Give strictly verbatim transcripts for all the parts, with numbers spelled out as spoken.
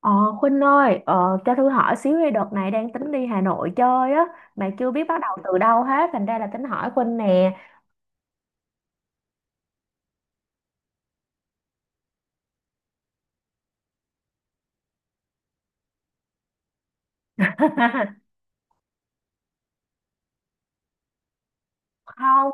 Ờ, Khuynh ơi, ờ, cho Thư hỏi xíu đi, đợt này đang tính đi Hà Nội chơi á, mà chưa biết bắt đầu từ đâu hết, thành ra là tính hỏi Khuynh nè. Không.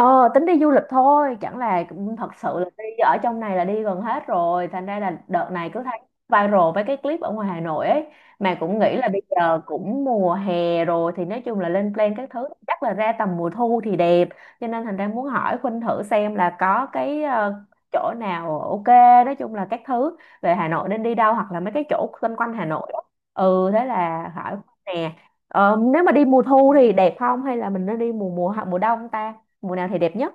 Ờ, Tính đi du lịch thôi, chẳng là thật sự là đi ở trong này là đi gần hết rồi, thành ra là đợt này cứ thấy viral với cái clip ở ngoài Hà Nội ấy, mà cũng nghĩ là bây giờ cũng mùa hè rồi thì nói chung là lên plan các thứ chắc là ra tầm mùa thu thì đẹp, cho nên thành ra muốn hỏi Khuynh thử xem là có cái ờ, chỗ nào ok, nói chung là các thứ về Hà Nội nên đi đâu hoặc là mấy cái chỗ quanh quanh Hà Nội á. Ừ, thế là hỏi Khuynh nè. Ờ, nếu mà đi mùa thu thì đẹp không hay là mình nên đi mùa mùa mùa đông ta? Mùa nào thì đẹp nhất?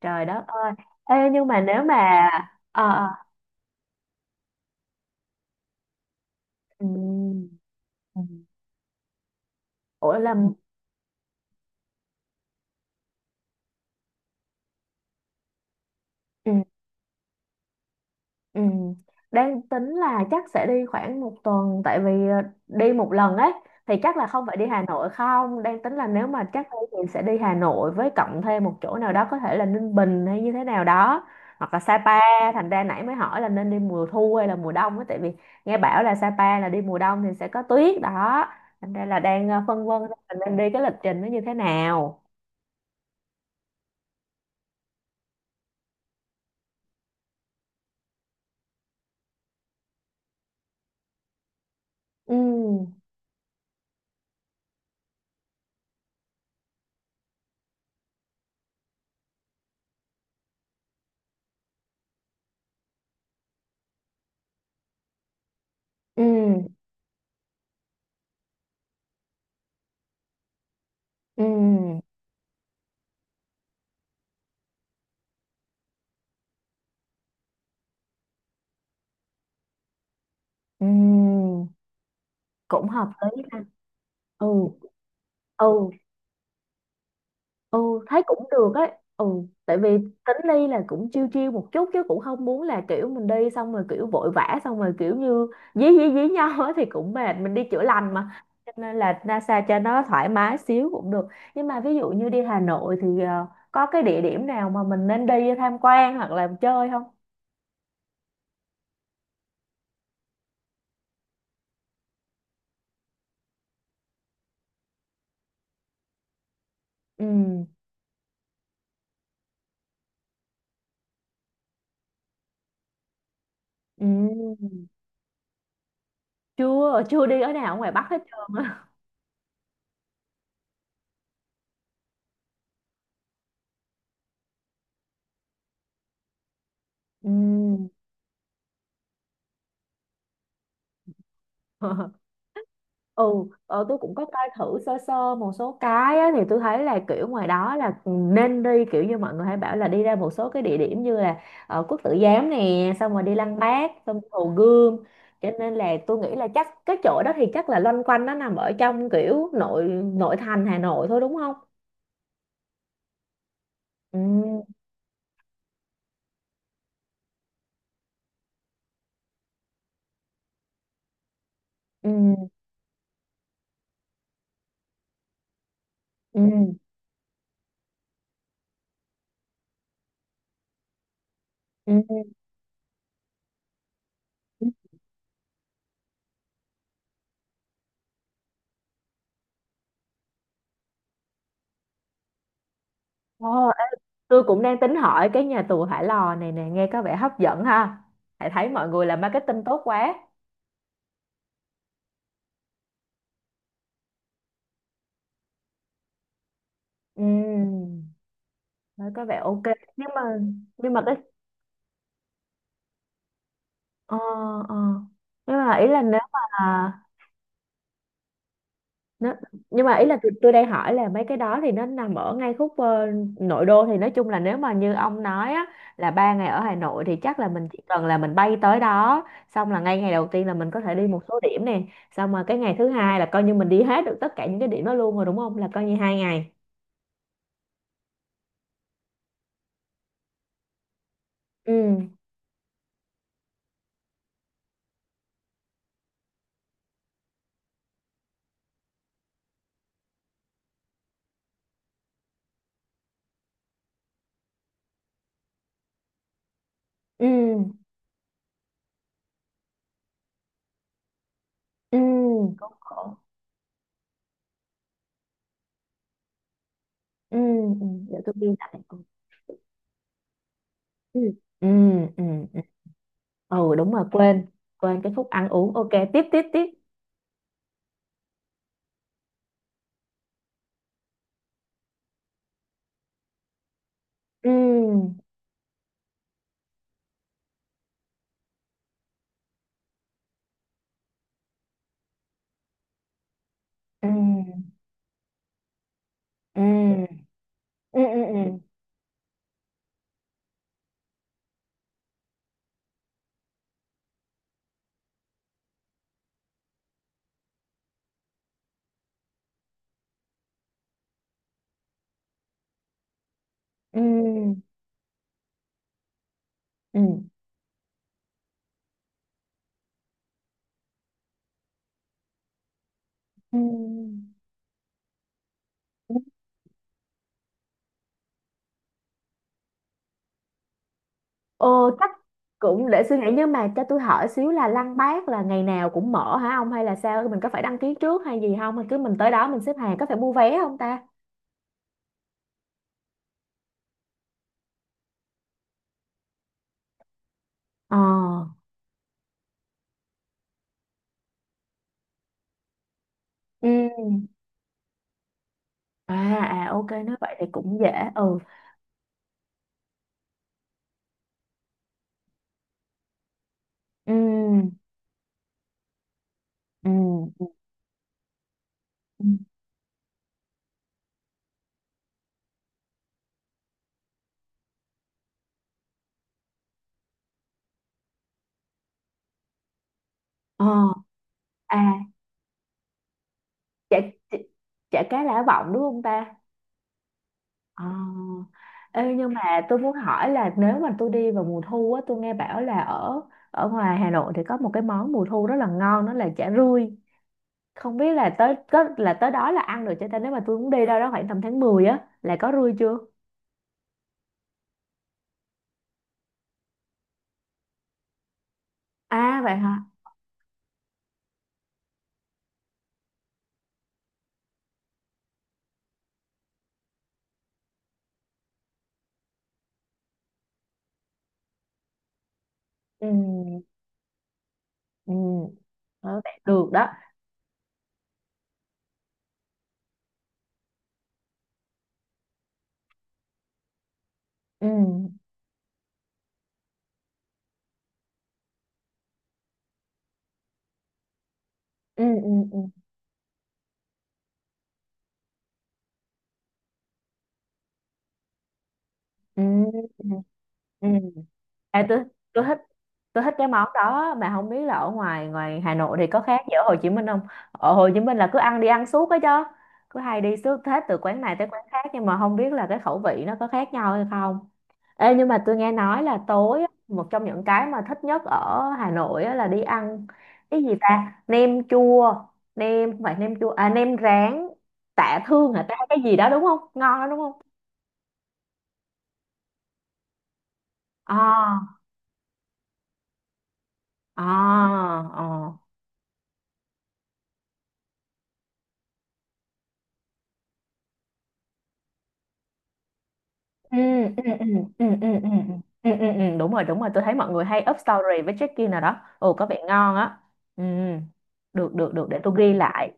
Trời đất ơi, ê nhưng mà nếu mà... ờ ờ, ừm, ừm. Ủa là... Ừ. Đang tính là chắc sẽ đi khoảng một tuần, tại vì ờ, đi một lần ấy thì chắc là không phải đi Hà Nội không, đang tính là nếu mà chắc đi thì sẽ đi Hà Nội với cộng thêm một chỗ nào đó, có thể là Ninh Bình hay như thế nào đó, hoặc là Sapa. Thành ra nãy mới hỏi là nên đi mùa thu hay là mùa đông ấy, tại vì nghe bảo là Sapa là đi mùa đông thì sẽ có tuyết đó, thành ra là đang ờ, phân vân xem là nên đi cái lịch trình nó như thế nào. Ừ, ừ, ừ, ừ. Cũng hợp lý ha. Ừ, ừ, ừ. Thấy cũng được ấy. Ừ, tại vì tính đi là cũng chiêu chiêu một chút chứ cũng không muốn là kiểu mình đi xong rồi kiểu vội vã xong rồi kiểu như dí dí dí nhau á thì cũng mệt, mình đi chữa lành mà, cho nên là NASA cho nó thoải mái xíu cũng được. Nhưng mà ví dụ như đi Hà Nội thì ờ, có cái địa điểm nào mà mình nên đi tham quan hoặc là chơi không? Ừ, ừ. Chưa chưa đi ở nào ở ngoài Bắc hết trơn á. Ừ. Ừ. Ờ, tôi cũng có coi thử sơ sơ một số cái á, thì tôi thấy là kiểu ngoài đó là nên đi kiểu như mọi người hay bảo là đi ra một số cái địa điểm như là ờ, Quốc Tử Giám nè, xong rồi đi Lăng Bác, xong Hồ Gươm, cho nên là tôi nghĩ là chắc cái chỗ đó thì chắc là loanh quanh nó nằm ở trong kiểu nội nội thành Hà Nội thôi đúng không? Ừ, ừ, ừ, ừ. Ồ, tôi cũng đang tính hỏi cái nhà tù Hỏa Lò này nè, nghe có vẻ hấp dẫn ha, hãy thấy mọi người làm marketing tốt quá. Ừ. Đấy, có vẻ ok. Nhưng mà... nhưng mà cái... ờ ờ nhưng mà ý là nếu mà nó... nhưng mà ý là tôi, tôi đang hỏi là mấy cái đó thì nó nằm ở ngay khúc ờ, nội đô, thì nói chung là nếu mà như ông nói á, là ba ngày ở Hà Nội thì chắc là mình chỉ cần là mình bay tới đó, xong là ngay ngày đầu tiên là mình có thể đi một số điểm nè, xong rồi cái ngày thứ hai là coi như mình đi hết được tất cả những cái điểm đó luôn rồi đúng không, là coi như hai ngày. Ừ, ừ, ừ. Cũng khổ. Ừ. Ừ, để tôi ghi lại. Ừ, ừ, ừ, ừ. Ừ, đúng rồi, quên, quên cái khúc ăn uống, ok, tiếp tiếp tiếp. Ừ, ừ, ừ, ừ, ừ, ừ, ừ, ừ, ừ. Ờ, chắc cũng để suy nghĩ, nhưng mà cho tôi hỏi xíu là Lăng Bác là ngày nào cũng mở hả ông hay là sao, mình có phải đăng ký trước hay gì không, hay cứ mình tới đó mình xếp hàng, có phải mua vé không ta? Ờ. Ừ. À, à ok, nói vậy thì cũng dễ. Ừ, ừ, ừ, ừ. Ừ. ờ à chả chả chả cá Lã Vọng đúng không ta? Ờ. Ê, nhưng mà tôi muốn hỏi là nếu mà tôi đi vào mùa thu á, tôi nghe bảo là ở ở ngoài Hà Nội thì có một cái món mùa thu rất là ngon, đó là chả rươi. Không biết là tới có là tới đó là ăn được cho ta, nếu mà tôi muốn đi đâu đó khoảng tầm tháng mười á là có rươi chưa? À vậy hả? Ừ, ừ. Ờ, vậy được đó. Ừ, ừ, ừ, ừ, ừ, ừ. Ê, tôi tôi thích tôi thích cái món đó, mà không biết là ở ngoài ngoài Hà Nội thì có khác gì ở Hồ Chí Minh không? Ở Hồ Chí Minh là cứ ăn đi ăn suốt ấy chứ, cứ hay đi suốt hết từ quán này tới quán khác, nhưng mà không biết là cái khẩu vị nó có khác nhau hay không. Ê, nhưng mà tôi nghe nói là tối á, một trong những cái mà thích nhất ở Hà Nội á là đi ăn cái gì ta? Nem chua... nem, không phải nem chua, à nem rán. Tạ Thương hả ta, cái gì đó đúng không? Ngon đó đúng không? À, à, à. Ừ, ừ, ừ, ừ, ừ, ừ, ừ, ừ. Ừ, ừ, đúng rồi đúng rồi, tôi thấy mọi người hay up story với check-in nào đó, ồ có vẻ ngon á. Ừ. Được được được, để tôi ghi lại.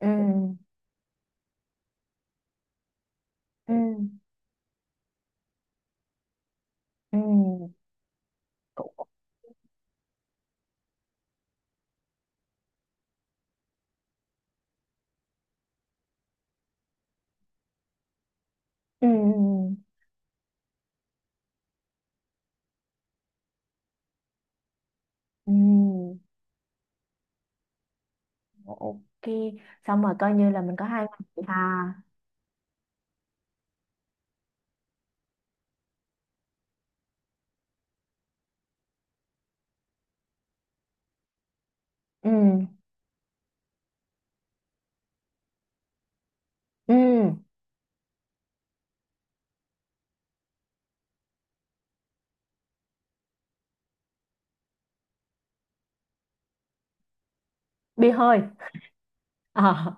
Ừ, ừ, ừ. Cũng... ừ, ừ, ok. Xong rồi coi như là mình có hai ngày vậy ha. Ừ, ừ. Bia hơi. Ờ.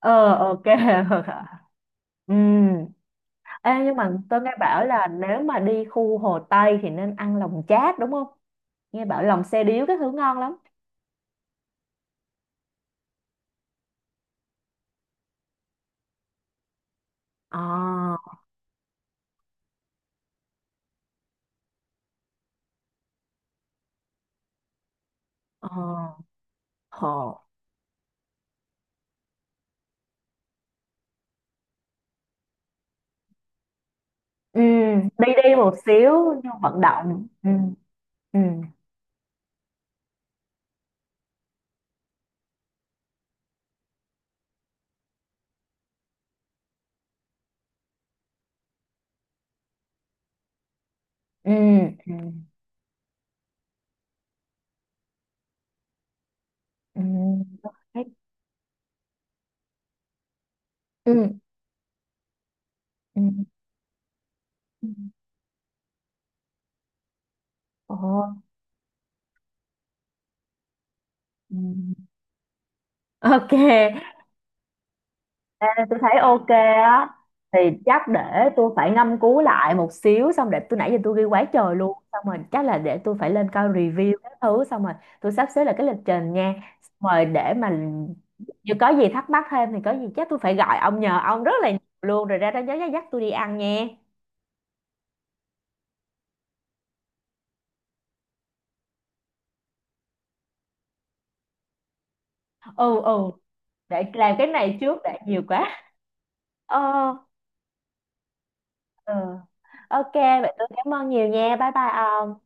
Ờ ok. Ừ. Ê, nhưng mà tôi nghe bảo là nếu mà đi khu Hồ Tây thì nên ăn lòng chát đúng không? Nghe bảo lòng xe điếu cái thứ ngon lắm. Ờ. Ờ, hồ. Ừ. Đi đi một xíu cho vận động. Ừ, ừ, ừ, ừ, ừ, ừ, ừ. Ừ. Ồ. Ừ. Ok, tôi thấy ok á, thì chắc để tôi phải ngâm cứu lại một xíu, xong để tôi, nãy giờ tôi ghi quá trời luôn, xong rồi chắc là để tôi phải lên coi review các thứ, xong rồi tôi sắp xếp lại cái lịch trình nha, xong rồi để mà nếu có gì thắc mắc thêm thì có gì chắc tôi phải gọi ông nhờ ông rất là nhiều luôn, rồi ra đó nhớ dắt tôi đi ăn nha. Ừ, ừ. Để làm cái này trước, để nhiều quá. Ờ. Ừ. Ok vậy tôi cảm ơn nhiều nha, bye bye ông.